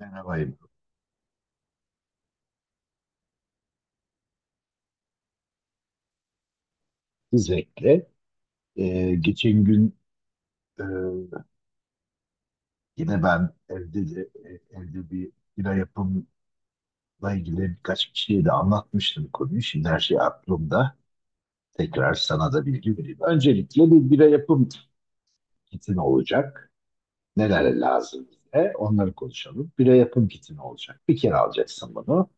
Merhabayım. Özellikle geçen gün e, yine ben evde de, evde bir bira yapımla ilgili birkaç kişiye de anlatmıştım konuyu. Şimdi her şey aklımda. Tekrar sana da bilgi vereyim. Öncelikle bir bira yapım kiti ne olacak? Neler lazım bize? Onları konuşalım. Bira yapım kiti ne olacak? Bir kere alacaksın bunu.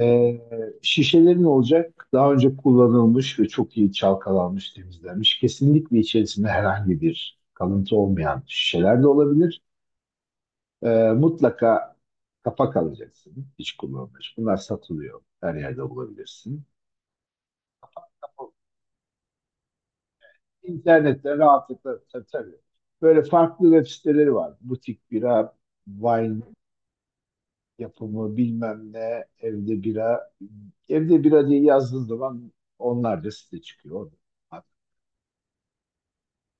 Ee, şişelerin olacak daha önce kullanılmış ve çok iyi çalkalanmış, temizlenmiş. Kesinlikle içerisinde herhangi bir kalıntı olmayan şişeler de olabilir. Mutlaka kapak alacaksın. Hiç kullanılmış. Bunlar satılıyor. Her yerde bulabilirsin. İnternette rahatlıkla tabii, tabii. Böyle farklı web siteleri var. Butik bira, wine yapımı bilmem ne, evde bira. Evde bira diye yazdığın zaman onlarca site çıkıyor.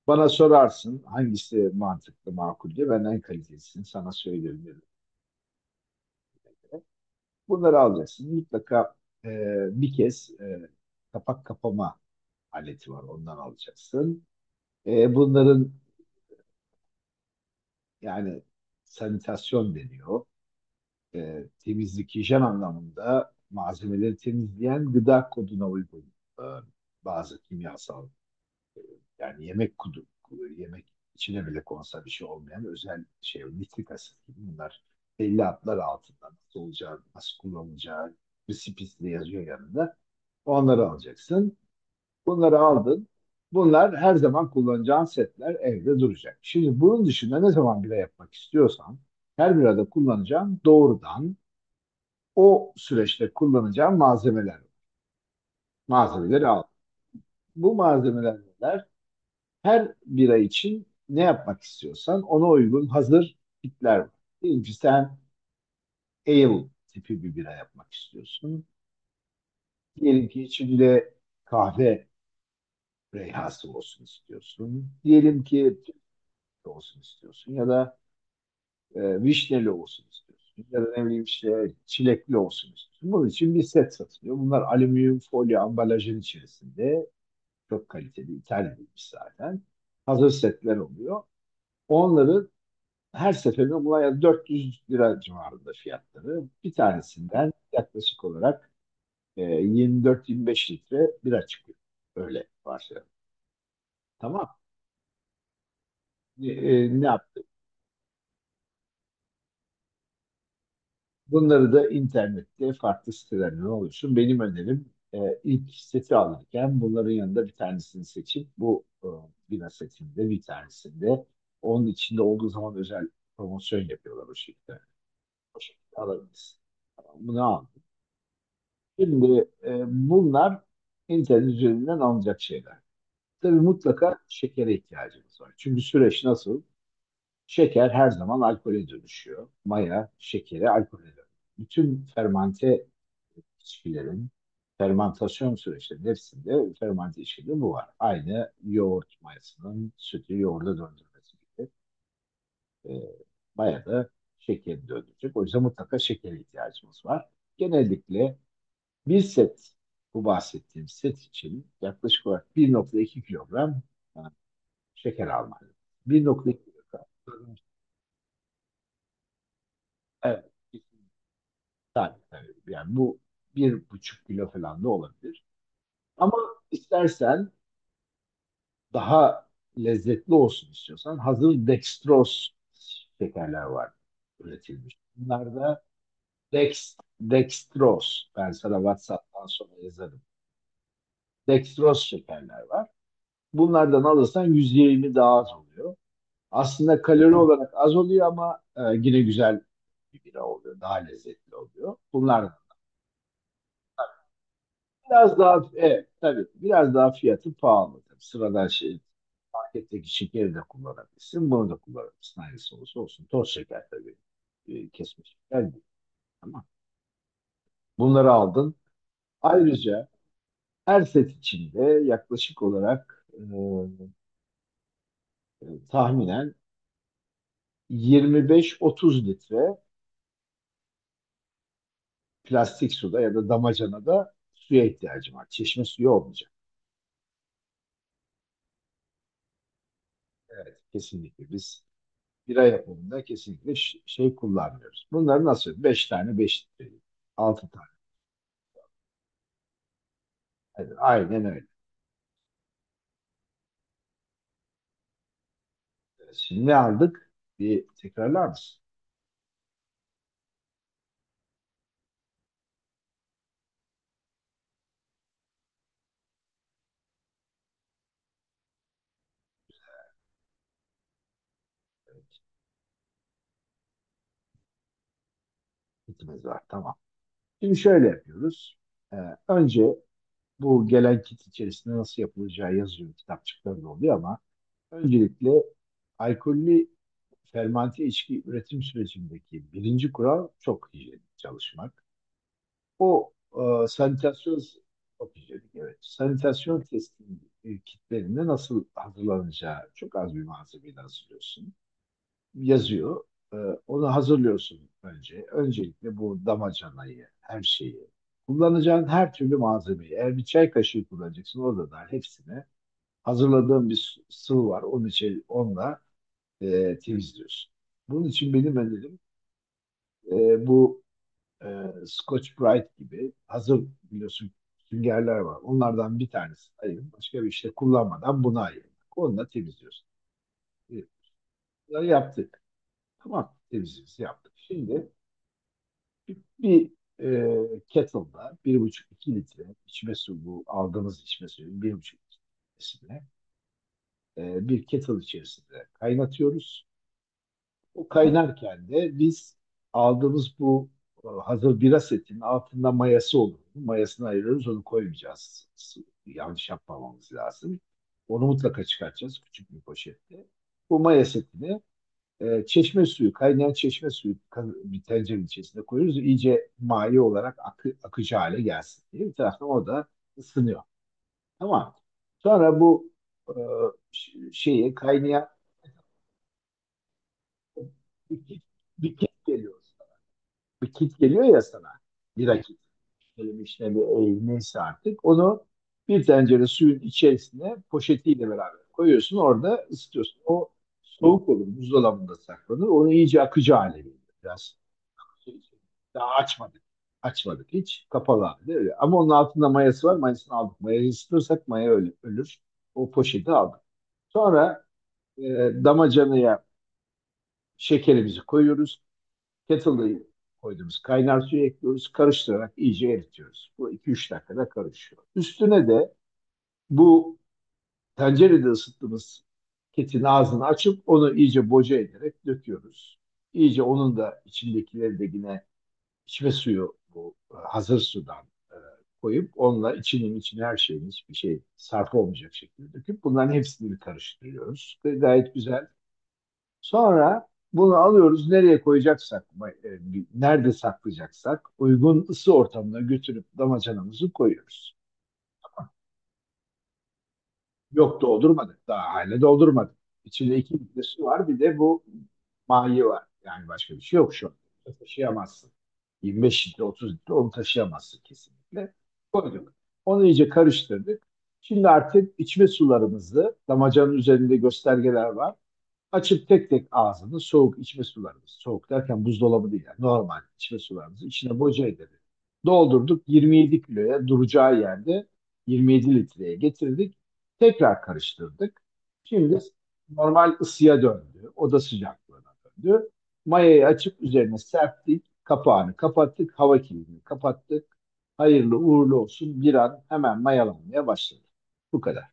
Bana sorarsın hangisi mantıklı, makul diye ben en kalitesini sana söylerim dedim. Bunları alacaksın. Mutlaka e, bir kez kapak kapama aleti var. Ondan alacaksın. Bunların yani sanitasyon deniyor. Temizlik, hijyen anlamında malzemeleri temizleyen gıda koduna uygun e, bazı kimyasal. Yani yemek kudu, yemek içine bile konsa bir şey olmayan özel şey, nitrik asit gibi bunlar belli adlar altında nasıl olacağı, nasıl kullanılacağı, resipisi de yazıyor yanında. Onları alacaksın. Bunları aldın. Bunlar her zaman kullanacağın setler evde duracak. Şimdi bunun dışında ne zaman bira yapmak istiyorsan her birada kullanacağın doğrudan o süreçte kullanacağın malzemeler var. Malzemeleri al. Bu malzemeler neler? Her bira için ne yapmak istiyorsan ona uygun hazır kitler var. Diyelim ki sen ale tipi bir bira yapmak istiyorsun. Diyelim ki içinde kahve reyhası olsun istiyorsun. Diyelim ki tütlü olsun istiyorsun ya da vişneli olsun istiyorsun. Ya da ne bileyim işte çilekli olsun istiyorsun. Bunun için bir set satılıyor. Bunlar alüminyum folyo ambalajın içerisinde. Çok kaliteli, İtalya'ymış zaten. Hazır setler oluyor. Onları her seferinde buna 400 lira civarında fiyatları. Bir tanesinden yaklaşık olarak 24-25 litre bira çıkıyor. Öyle varsayalım. Tamam. Ne yaptık? Bunları da internette farklı sitelerden oluşsun. Benim önerim ilk seti alırken bunların yanında bir tanesini seçip bu bira setinde bir tanesinde onun içinde olduğu zaman özel promosyon yapıyorlar o şekilde. O şekilde alabiliriz. Tamam, bunu al. Şimdi bunlar internet üzerinden alınacak şeyler. Tabii mutlaka şekere ihtiyacımız var. Çünkü süreç nasıl? Şeker her zaman alkole dönüşüyor. Maya şekeri alkole dönüşüyor. Bütün fermante içkilerin fermantasyon süreçlerinin hepsinde fermante içkide bu var. Aynı yoğurt mayasının sütü yoğurda döndürmesi gibi. E, maya da şekeri döndürecek. O yüzden mutlaka şekere ihtiyacımız var. Genellikle bir set, bu bahsettiğim set için yaklaşık olarak 1.2 kilogram e, şeker almalıyım. 1.2 kilogram. Evet. Tabii, tabii. Yani bu bir buçuk kilo falan da olabilir. Ama istersen daha lezzetli olsun istiyorsan hazır dextroz şekerler var üretilmiş. Bunlar da dex, dextroz. Ben sana WhatsApp'tan sonra yazarım. Dextroz şekerler var. Bunlardan alırsan 120 daha az oluyor. Aslında kalori olarak az oluyor ama yine güzel bir bira oluyor. Daha lezzetli oluyor. Bunlar biraz daha, evet, tabii biraz daha fiyatı pahalı. Tabii sıradan şey, paketteki şekeri de kullanabilirsin. Bunu da kullanabilirsin. Hangisi olursa olsun. Toz şeker tabii. Kesme şeker değil. Ama bunları aldın. Ayrıca her set içinde yaklaşık olarak tahminen 25-30 litre plastik suda ya da damacanada suya ihtiyacım var. Çeşme suyu olmayacak. Evet, kesinlikle biz bira yapımında kesinlikle şey kullanmıyoruz. Bunları nasıl? Beş tane, beş litre, altı tane. Evet, aynen öyle. Evet, şimdi ne aldık? Bir tekrarlar mısın? Kitimiz var, tamam. Şimdi şöyle yapıyoruz. Ee, önce bu gelen kit içerisinde nasıl yapılacağı yazıyor. Kitapçıklarında oluyor ama öncelikle alkollü fermante içki üretim sürecindeki birinci kural çok hijyenik çalışmak. O sanitasyon çok hijyenik, evet. Sanitasyon testinin kitlerinde nasıl hazırlanacağı çok az bir malzemeyle hazırlıyorsun. Yazıyor. E, onu hazırlıyorsun önce. Öncelikle bu damacanayı, her şeyi. Kullanacağın her türlü malzemeyi. Eğer bir çay kaşığı kullanacaksın orada da hepsine hazırladığım bir sıvı var. Onun için onunla temizliyorsun. Bunun için benim ben dedim, bu e, Scotch Brite gibi hazır biliyorsun süngerler var. Onlardan bir tanesi ayırın. Başka bir işte kullanmadan bunu ayırın. Onunla temizliyorsun. E, bunları yaptık. Tamam, temizliğimizi yaptık. Şimdi bir kettle'da bir buçuk iki litre içme suyu, bu aldığımız içme suyu 1,5 litresine bir kettle içerisinde kaynatıyoruz. O kaynarken de biz aldığımız bu hazır bira setinin altında mayası olur. Mayasını ayırıyoruz, onu koymayacağız. Yanlış yapmamamız lazım. Onu mutlaka çıkartacağız küçük bir poşette. Bu maya setini çeşme suyu, kaynayan çeşme suyu bir tencerenin içerisine koyuyoruz. İyice maye olarak akıcı hale gelsin diye. Bir taraftan o da ısınıyor. Tamam. Sonra bu e, şeyi kaynayan bir kek, bir kek geliyor. Bir kit geliyor ya sana. Bira kit. Böyle bir işte bir neyse artık. Onu bir tencere suyun içerisine poşetiyle beraber koyuyorsun. Orada ısıtıyorsun. O soğuk olur. Buzdolabında saklanır. Onu iyice akıcı hale geliyor. Biraz daha açmadık. Açmadık hiç. Kapalı halde öyle. Ama onun altında mayası var. Mayasını aldık. Mayayı ısıtırsak maya öyle, ölür. O poşeti aldık. Sonra e, damacanaya şekerimizi koyuyoruz, kettle'ı koyduğumuz kaynar suyu ekliyoruz. Karıştırarak iyice eritiyoruz. Bu iki üç dakikada karışıyor. Üstüne de bu tencerede ısıttığımız ketin ağzını açıp onu iyice boca ederek döküyoruz. İyice onun da içindekileri de yine içme suyu, bu hazır sudan e, koyup onunla içinin içine her şeyin hiçbir şey sarf olmayacak şekilde döküp bunların hepsini karıştırıyoruz. Ve gayet güzel. Sonra bunu alıyoruz nereye koyacaksak, e, nerede saklayacaksak uygun ısı ortamına götürüp damacanamızı koyuyoruz. Yok, doldurmadık, daha hala doldurmadık. İçinde iki litre su var bir de bu mayi var. Yani başka bir şey yok şu an. Taşıyamazsın. 25 litre, 30 litre onu taşıyamazsın kesinlikle. Koyduk. Onu iyice karıştırdık. Şimdi artık içme sularımızı, damacanın üzerinde göstergeler var. Açıp tek tek ağzını soğuk içme sularımız, soğuk derken buzdolabı değil yani normal içme sularımızı içine boca edelim. Doldurduk 27 kiloya duracağı yerde 27 litreye getirdik. Tekrar karıştırdık. Şimdi normal ısıya döndü. Oda sıcaklığına döndü. Mayayı açıp üzerine serptik. Kapağını kapattık. Hava kilidini kapattık. Hayırlı uğurlu olsun. Bir an hemen mayalanmaya başladı. Bu kadar.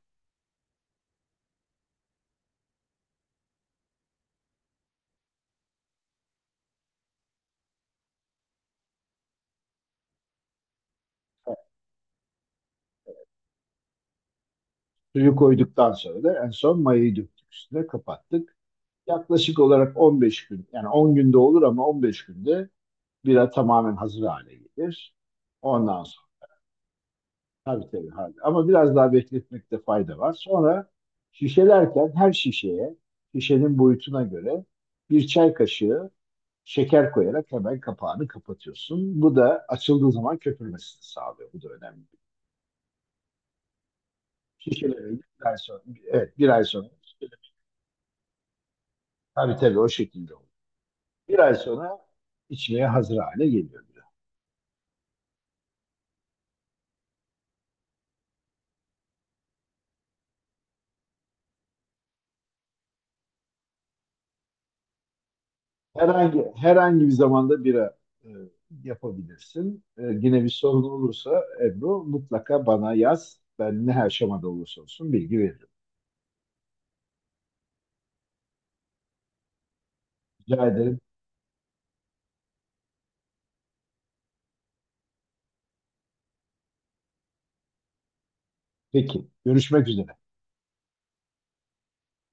Suyu koyduktan sonra da en son mayayı döktük üstüne kapattık. Yaklaşık olarak 15 gün, yani 10 günde olur ama 15 günde bira tamamen hazır hale gelir. Ondan sonra tabii tabii hadi. Ama biraz daha bekletmekte fayda var. Sonra şişelerken her şişeye şişenin boyutuna göre bir çay kaşığı şeker koyarak hemen kapağını kapatıyorsun. Bu da açıldığı zaman köpürmesini sağlıyor. Bu da önemli. Şişeleri bir ay sonra, evet bir ay sonra. Tabii tabii o şekilde oluyor. Bir ay sonra içmeye hazır hale geliyor bira. Herhangi bir zamanda bira e, yapabilirsin. Yine bir sorun olursa Ebru mutlaka bana yaz. Ben ne aşamada olursa olsun bilgi veririm. Rica ederim. Peki. Görüşmek üzere.